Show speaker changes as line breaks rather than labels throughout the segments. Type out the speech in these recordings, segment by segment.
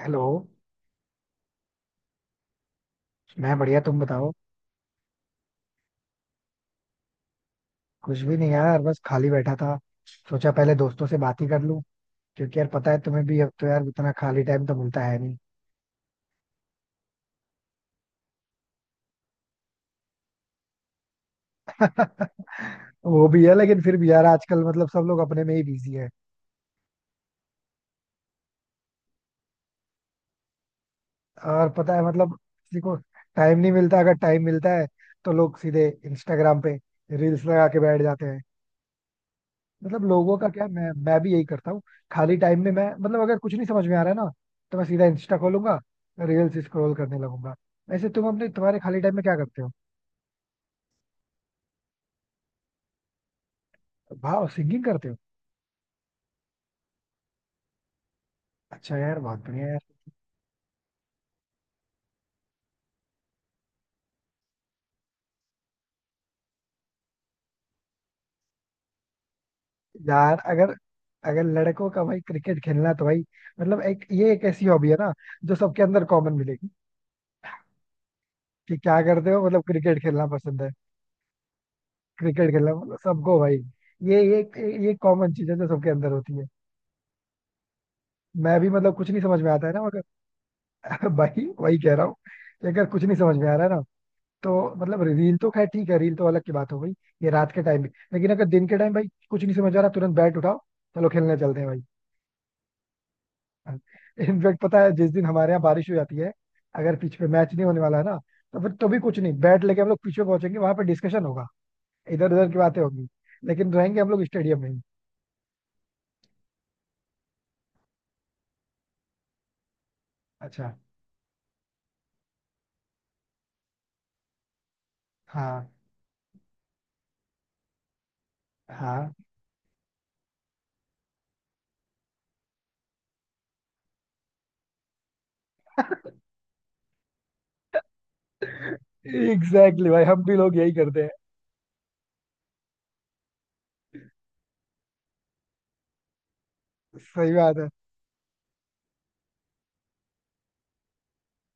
Hello. मैं बढ़िया, तुम बताओ। कुछ भी नहीं यार, बस खाली बैठा था। सोचा पहले दोस्तों से बात ही कर लूं, क्योंकि यार पता है तुम्हें भी, अब तो यार उतना खाली टाइम तो मिलता है नहीं। वो भी है, लेकिन फिर भी यार आजकल मतलब सब लोग अपने में ही बिजी है। और पता है मतलब किसी को टाइम नहीं मिलता, अगर टाइम मिलता है तो लोग सीधे इंस्टाग्राम पे रील्स लगा के बैठ जाते हैं। मतलब लोगों का क्या है, मैं भी यही करता हूँ। खाली टाइम में मैं मतलब अगर कुछ नहीं समझ में आ रहा है ना, तो मैं सीधा इंस्टा खोलूंगा, रील्स स्क्रॉल करने लगूंगा। वैसे तुम अपने तुम्हारे खाली टाइम में क्या करते हो? भाव सिंगिंग करते हो? अच्छा यार, बहुत बढ़िया यार। यार अगर अगर लड़कों का भाई क्रिकेट खेलना तो भाई, मतलब एक ये एक ऐसी हॉबी है ना, जो सबके अंदर कॉमन मिलेगी, कि क्या करते हो, मतलब क्रिकेट खेलना पसंद है। क्रिकेट खेलना मतलब सबको भाई। ये ये ये कॉमन चीज है, जो सबके अंदर होती है। मैं भी मतलब कुछ नहीं समझ में आता है ना। भाई वही कह रहा हूँ कि अगर कुछ नहीं समझ में आ रहा है ना, तो मतलब रील तो खैर ठीक है, रील तो अलग की बात हो गई। ये रात के टाइम में, लेकिन अगर दिन के टाइम भाई कुछ नहीं समझ आ रहा, तुरंत बैट उठाओ, चलो खेलने चलते हैं भाई। इनफैक्ट पता है, जिस दिन हमारे यहाँ बारिश हो जाती है, अगर पिच पे मैच नहीं होने वाला है ना, तो फिर तो भी कुछ नहीं, बैट लेके हम लोग पिच पे पहुंचेंगे, वहां पे डिस्कशन होगा, इधर उधर की बातें होगी, लेकिन रहेंगे हम लोग स्टेडियम में ही। अच्छा। हाँ हाँ। एग्जैक्टली exactly भाई, हम भी लोग यही करते हैं। सही बात है।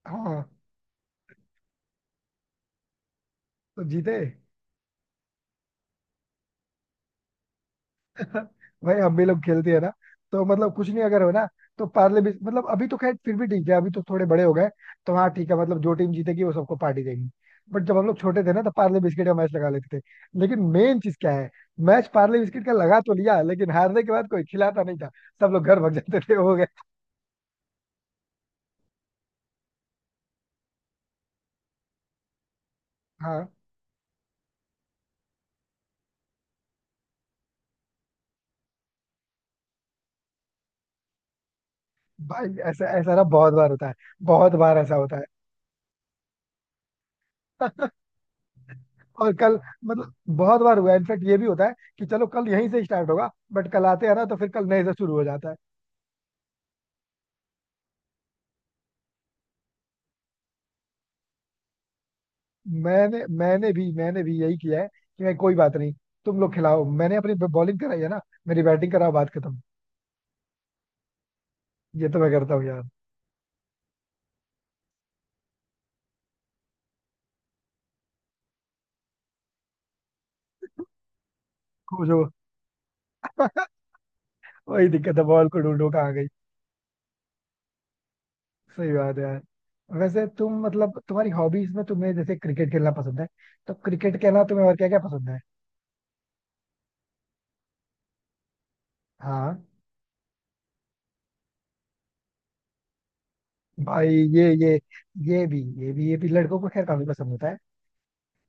हाँ। तो जीते? भाई हम भी लोग खेलते हैं ना, तो मतलब कुछ नहीं अगर हो ना, तो पार्ले भी मतलब अभी तो खैर फिर भी ठीक है, अभी तो थोड़े बड़े हो गए, तो हाँ ठीक है, मतलब जो टीम जीतेगी वो सबको पार्टी देगी। बट जब हम लोग छोटे थे ना तो पार्ले बिस्किट का मैच लगा लेते थे। लेकिन मेन चीज क्या है, मैच पार्ले बिस्किट का लगा तो लिया, लेकिन हारने के बाद कोई खिलाता नहीं था, सब लोग घर भाग जाते थे। हो गए। हाँ। भाई ऐसा ऐसा ना बहुत बार होता है, बहुत बार ऐसा होता है। और कल मतलब बहुत बार हुआ, इनफेक्ट ये भी होता है कि चलो कल यहीं से स्टार्ट होगा, बट कल आते हैं ना तो फिर कल नए से शुरू हो जाता है। मैंने मैंने भी यही किया है, कि मैं कोई बात नहीं, तुम लोग खिलाओ, मैंने अपनी बॉलिंग कराई है ना, मेरी बैटिंग कराओ, बात खत्म। ये तो मैं करता हूँ यार। खोजो। वही दिक्कत है, बॉल को ढूंढो कहाँ गई। सही बात है यार। वैसे तुम मतलब तुम्हारी हॉबीज में तुम्हें जैसे क्रिकेट खेलना पसंद है, तो क्रिकेट के अलावा तुम्हें और क्या क्या पसंद है? हाँ भाई, ये ये भी लड़कों को खैर काफी पसंद होता है,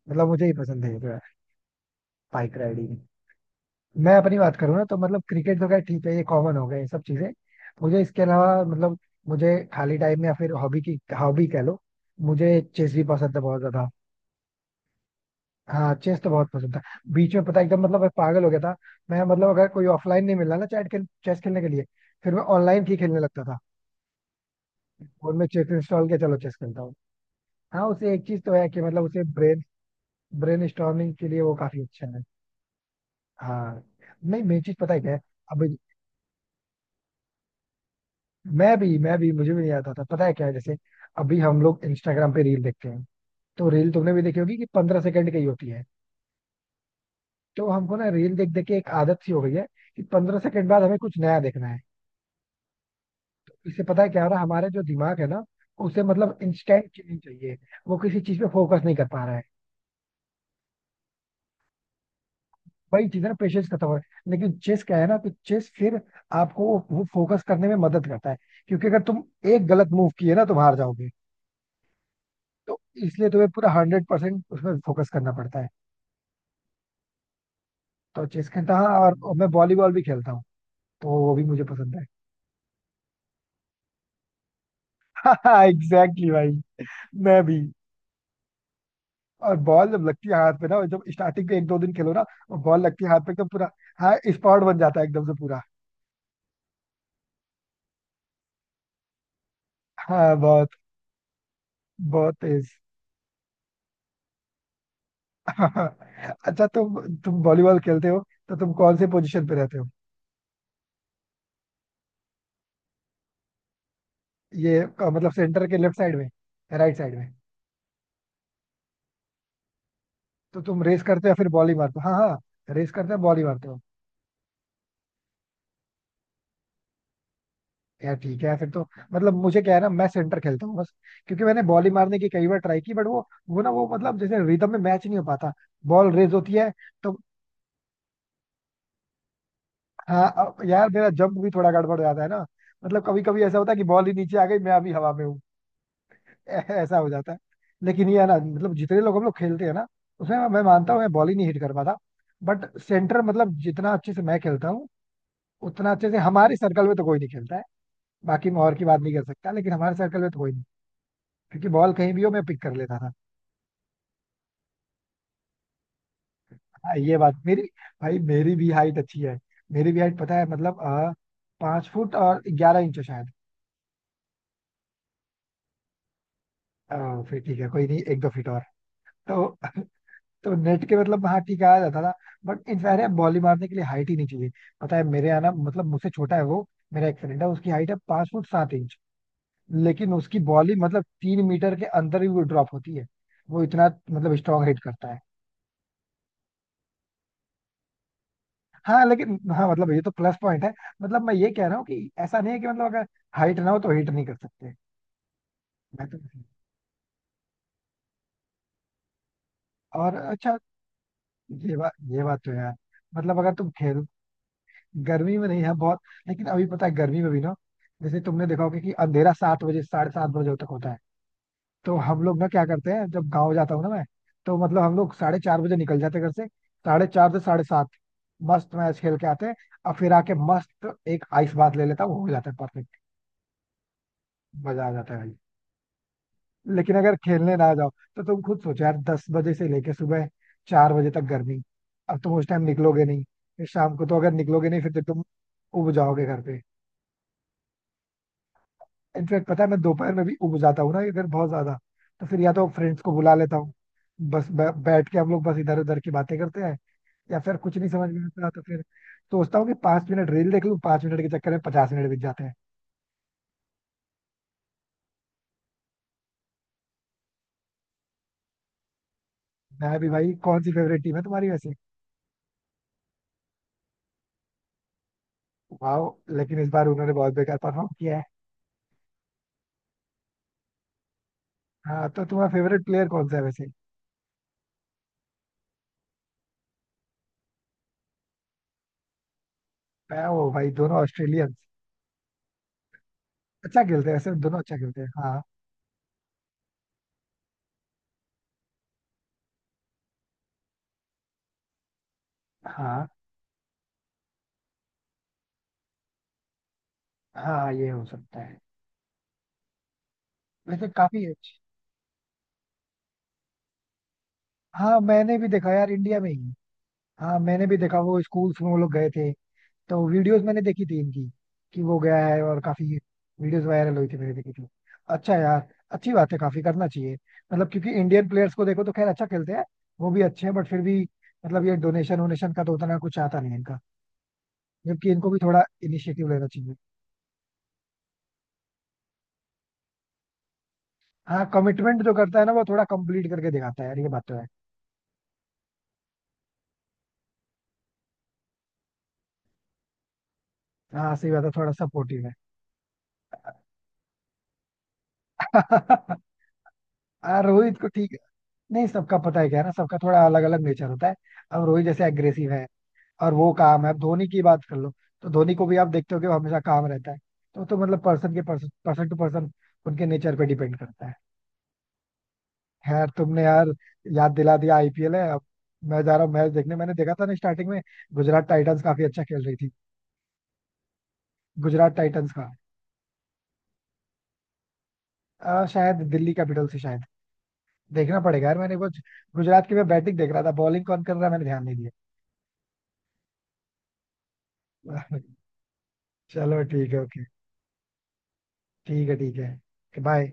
मतलब मुझे ही पसंद है ये तो यार। Bike riding. मैं अपनी बात करूँ ना, तो मतलब क्रिकेट तो खैर ठीक है, ये कॉमन हो गए ये सब चीजें। मुझे इसके अलावा मतलब, मुझे खाली टाइम में या फिर हॉबी की हॉबी कह लो, मुझे चेस भी पसंद है बहुत ज्यादा। हाँ चेस तो बहुत पसंद था। बीच में पता है, एकदम मतलब मैं पागल हो गया था। मैं मतलब अगर कोई ऑफलाइन नहीं मिला ना चैट खेल चेस खेलने के लिए, फिर मैं ऑनलाइन ही खेलने लगता था। फोन में चेस इंस्टॉल किया, चलो चेस खेलता हूँ। हाँ, उसे एक चीज तो है कि मतलब उसे ब्रेन, ब्रेन स्टॉर्मिंग के लिए वो काफी अच्छा है। हाँ। नहीं, मेन चीज पता है क्या है। अब मैं भी मुझे भी नहीं आता था। पता है क्या है, जैसे अभी हम लोग इंस्टाग्राम पे रील देखते हैं, तो रील तुमने भी देखी होगी कि 15 सेकंड की ही होती है। तो हमको ना रील देख देख के एक आदत सी हो गई है, कि 15 सेकंड बाद हमें कुछ नया देखना है। इससे पता है क्या हो रहा है, हमारे जो दिमाग है ना, उसे मतलब इंस्टेंट चीजें चाहिए, वो किसी चीज पे फोकस नहीं कर पा रहा है। वही चीज है ना, पेशेंस खत्म हो रहा है। लेकिन चेस क्या है ना, कि चेस फिर आपको वो फोकस करने में मदद करता है, क्योंकि अगर तुम एक गलत मूव किए ना तुम हार जाओगे, तो इसलिए तुम्हें पूरा 100% उसमें फोकस करना पड़ता है। तो चेस खेलता हूँ, और मैं वॉलीबॉल भी खेलता हूँ, तो वो भी मुझे पसंद है। एग्जैक्टली exactly भाई, मैं भी। और बॉल जब लगती है हाथ पे ना, जब स्टार्टिंग पे एक दो दिन खेलो ना, और बॉल लगती है हाथ पे एकदम पूरा। हाँ स्पॉट बन जाता है एकदम से पूरा। हाँ बहुत, बहुत तेज। अच्छा, तुम वॉलीबॉल खेलते हो तो तुम कौन से पोजीशन पे रहते हो? ये अ, मतलब सेंटर के लेफ्ट साइड में, राइट साइड में, तो तुम रेस करते हो या फिर बॉल ही मारते हो? हाँ हाँ। रेस करते हो बॉल ही मारते हो। यार ठीक है फिर तो, मतलब मुझे क्या है ना, मैं सेंटर खेलता हूँ बस, क्योंकि मैंने बॉली मारने की कई बार ट्राई की, बट वो मतलब जैसे रिदम में मैच नहीं हो पाता, बॉल रेज होती है। तो हाँ अब यार, मेरा जंप भी थोड़ा गड़बड़ हो जाता है ना, मतलब कभी कभी ऐसा होता है कि बॉल ही नीचे आ गई, मैं अभी हवा में हूँ। ऐसा हो जाता है। लेकिन ये है ना, मतलब जितने लोग हम लोग खेलते हैं ना, उसमें मैं मानता हूँ, मैं बॉल ही नहीं हिट कर पाता, बट सेंटर मतलब जितना अच्छे से मैं खेलता हूँ, उतना अच्छे से हमारे सर्कल में तो कोई नहीं खेलता है। बाकी मैं और की बात नहीं कर सकता, लेकिन हमारे सर्कल में तो कोई नहीं, क्योंकि बॉल कहीं भी हो मैं पिक कर लेता था। हाँ ये बात मेरी, भाई मेरी भी हाइट अच्छी है, मेरी भी हाइट पता है मतलब आ, 5 फुट और 11 इंच हो शायद। अ, फिर ठीक है कोई नहीं, एक दो फीट और। तो तो नेट के मतलब हाँ ठीक है, आ जाता था, बट इनफैक्ट यार बॉली मारने के लिए हाइट ही नहीं चाहिए। पता है मेरे यहाँ ना, मतलब मुझसे छोटा है वो, मेरा एक फ्रेंड है, उसकी हाइट है 5 फुट 7 इंच, लेकिन उसकी बॉली मतलब 3 मीटर के अंदर ही वो ड्रॉप होती है। वो इतना मतलब स्ट्रॉन्ग हिट करता है। हाँ लेकिन हाँ मतलब ये तो प्लस पॉइंट है, मतलब मैं ये कह रहा हूँ कि ऐसा नहीं है कि मतलब अगर हाइट ना हो तो हिट नहीं कर सकते, मैं तो। और अच्छा ये बात तो है यार। मतलब अगर तुम खेल, गर्मी में नहीं है बहुत, लेकिन अभी पता है गर्मी में भी ना, जैसे तुमने देखा होगा कि अंधेरा 7 बजे साढ़े 7 बजे तक होता है। तो हम लोग ना क्या करते हैं, जब गाँव जाता हूँ ना मैं, तो मतलब हम लोग साढ़े 4 बजे निकल जाते हैं घर से। साढ़े 4 से साढ़े 7 मस्त मैच खेल के आते हैं, और फिर आके मस्त एक आइस बात ले लेता हूँ, हो जाता है परफेक्ट। मजा आ जाता है भाई। लेकिन अगर खेलने ना जाओ, तो तुम खुद सोचो यार, 10 बजे से लेके सुबह 4 बजे तक गर्मी, अब तुम उस टाइम निकलोगे नहीं, फिर शाम को तो अगर निकलोगे नहीं, फिर तो तुम उब जाओगे घर पे। इनफैक्ट पता है, मैं दोपहर में भी उब जाता हूँ ना अगर बहुत ज्यादा, तो फिर या तो फ्रेंड्स को बुला लेता हूँ, बस बैठ के हम लोग बस इधर उधर की बातें करते हैं, या फिर कुछ नहीं समझ में आता तो फिर सोचता हूँ कि 5 मिनट रील देख लूँ, 5 मिनट के चक्कर में 50 मिनट बीत जाते हैं। मैं भी भाई। कौन सी फेवरेट टीम है तुम्हारी वैसे? वाह। लेकिन इस बार उन्होंने बहुत बेकार परफॉर्म किया है। हाँ तो तुम्हारा फेवरेट प्लेयर कौन सा है वैसे? मैं वो भाई दोनों ऑस्ट्रेलियंस अच्छा खेलते हैं, वैसे दोनों अच्छा खेलते हैं हाँ। हाँ हाँ, ये हो सकता है। वैसे काफी अच्छी। हाँ मैंने भी देखा यार, इंडिया में ही। हाँ मैंने भी देखा, वो स्कूल्स में वो लोग गए थे, तो वीडियोस मैंने देखी थी इनकी, कि वो गया है, और काफी वीडियोस वायरल हुई थी, मैंने देखी थी। अच्छा यार, अच्छी बात है, काफी करना चाहिए। मतलब क्योंकि इंडियन प्लेयर्स को देखो तो खैर अच्छा खेलते हैं, वो भी अच्छे हैं बट फिर भी मतलब ये डोनेशन वोनेशन का तो उतना कुछ आता नहीं है इनका, जबकि इनको भी थोड़ा इनिशिएटिव लेना चाहिए। हाँ कमिटमेंट जो करता है ना, वो थोड़ा कंप्लीट करके दिखाता है यार, ये बात तो है। हाँ सही बात है, थोड़ा सपोर्टिव है। हाँ, रोहित को ठीक है। नहीं, सबका पता है क्या है ना, सबका थोड़ा अलग अलग नेचर होता है। अब रोहित जैसे एग्रेसिव है, और वो काम है। अब धोनी की बात कर लो, तो धोनी को भी आप देखते हो कि वो हमेशा काम रहता है। तो मतलब पर्सन टू पर्सन, उनके नेचर पे डिपेंड करता है। खैर तुमने यार याद दिला दिया, आईपीएल है अब, मैं जा रहा हूँ मैच देखने। मैंने देखा था ना स्टार्टिंग में, गुजरात टाइटंस काफी अच्छा खेल रही थी। गुजरात टाइटंस का। अ, शायद दिल्ली कैपिटल से शायद, देखना पड़ेगा यार, मैंने कुछ, गुजरात की मैं बैटिंग देख रहा था, बॉलिंग कौन कर रहा है मैंने ध्यान नहीं दिया। चलो ठीक है ओके। ठीक है बाय।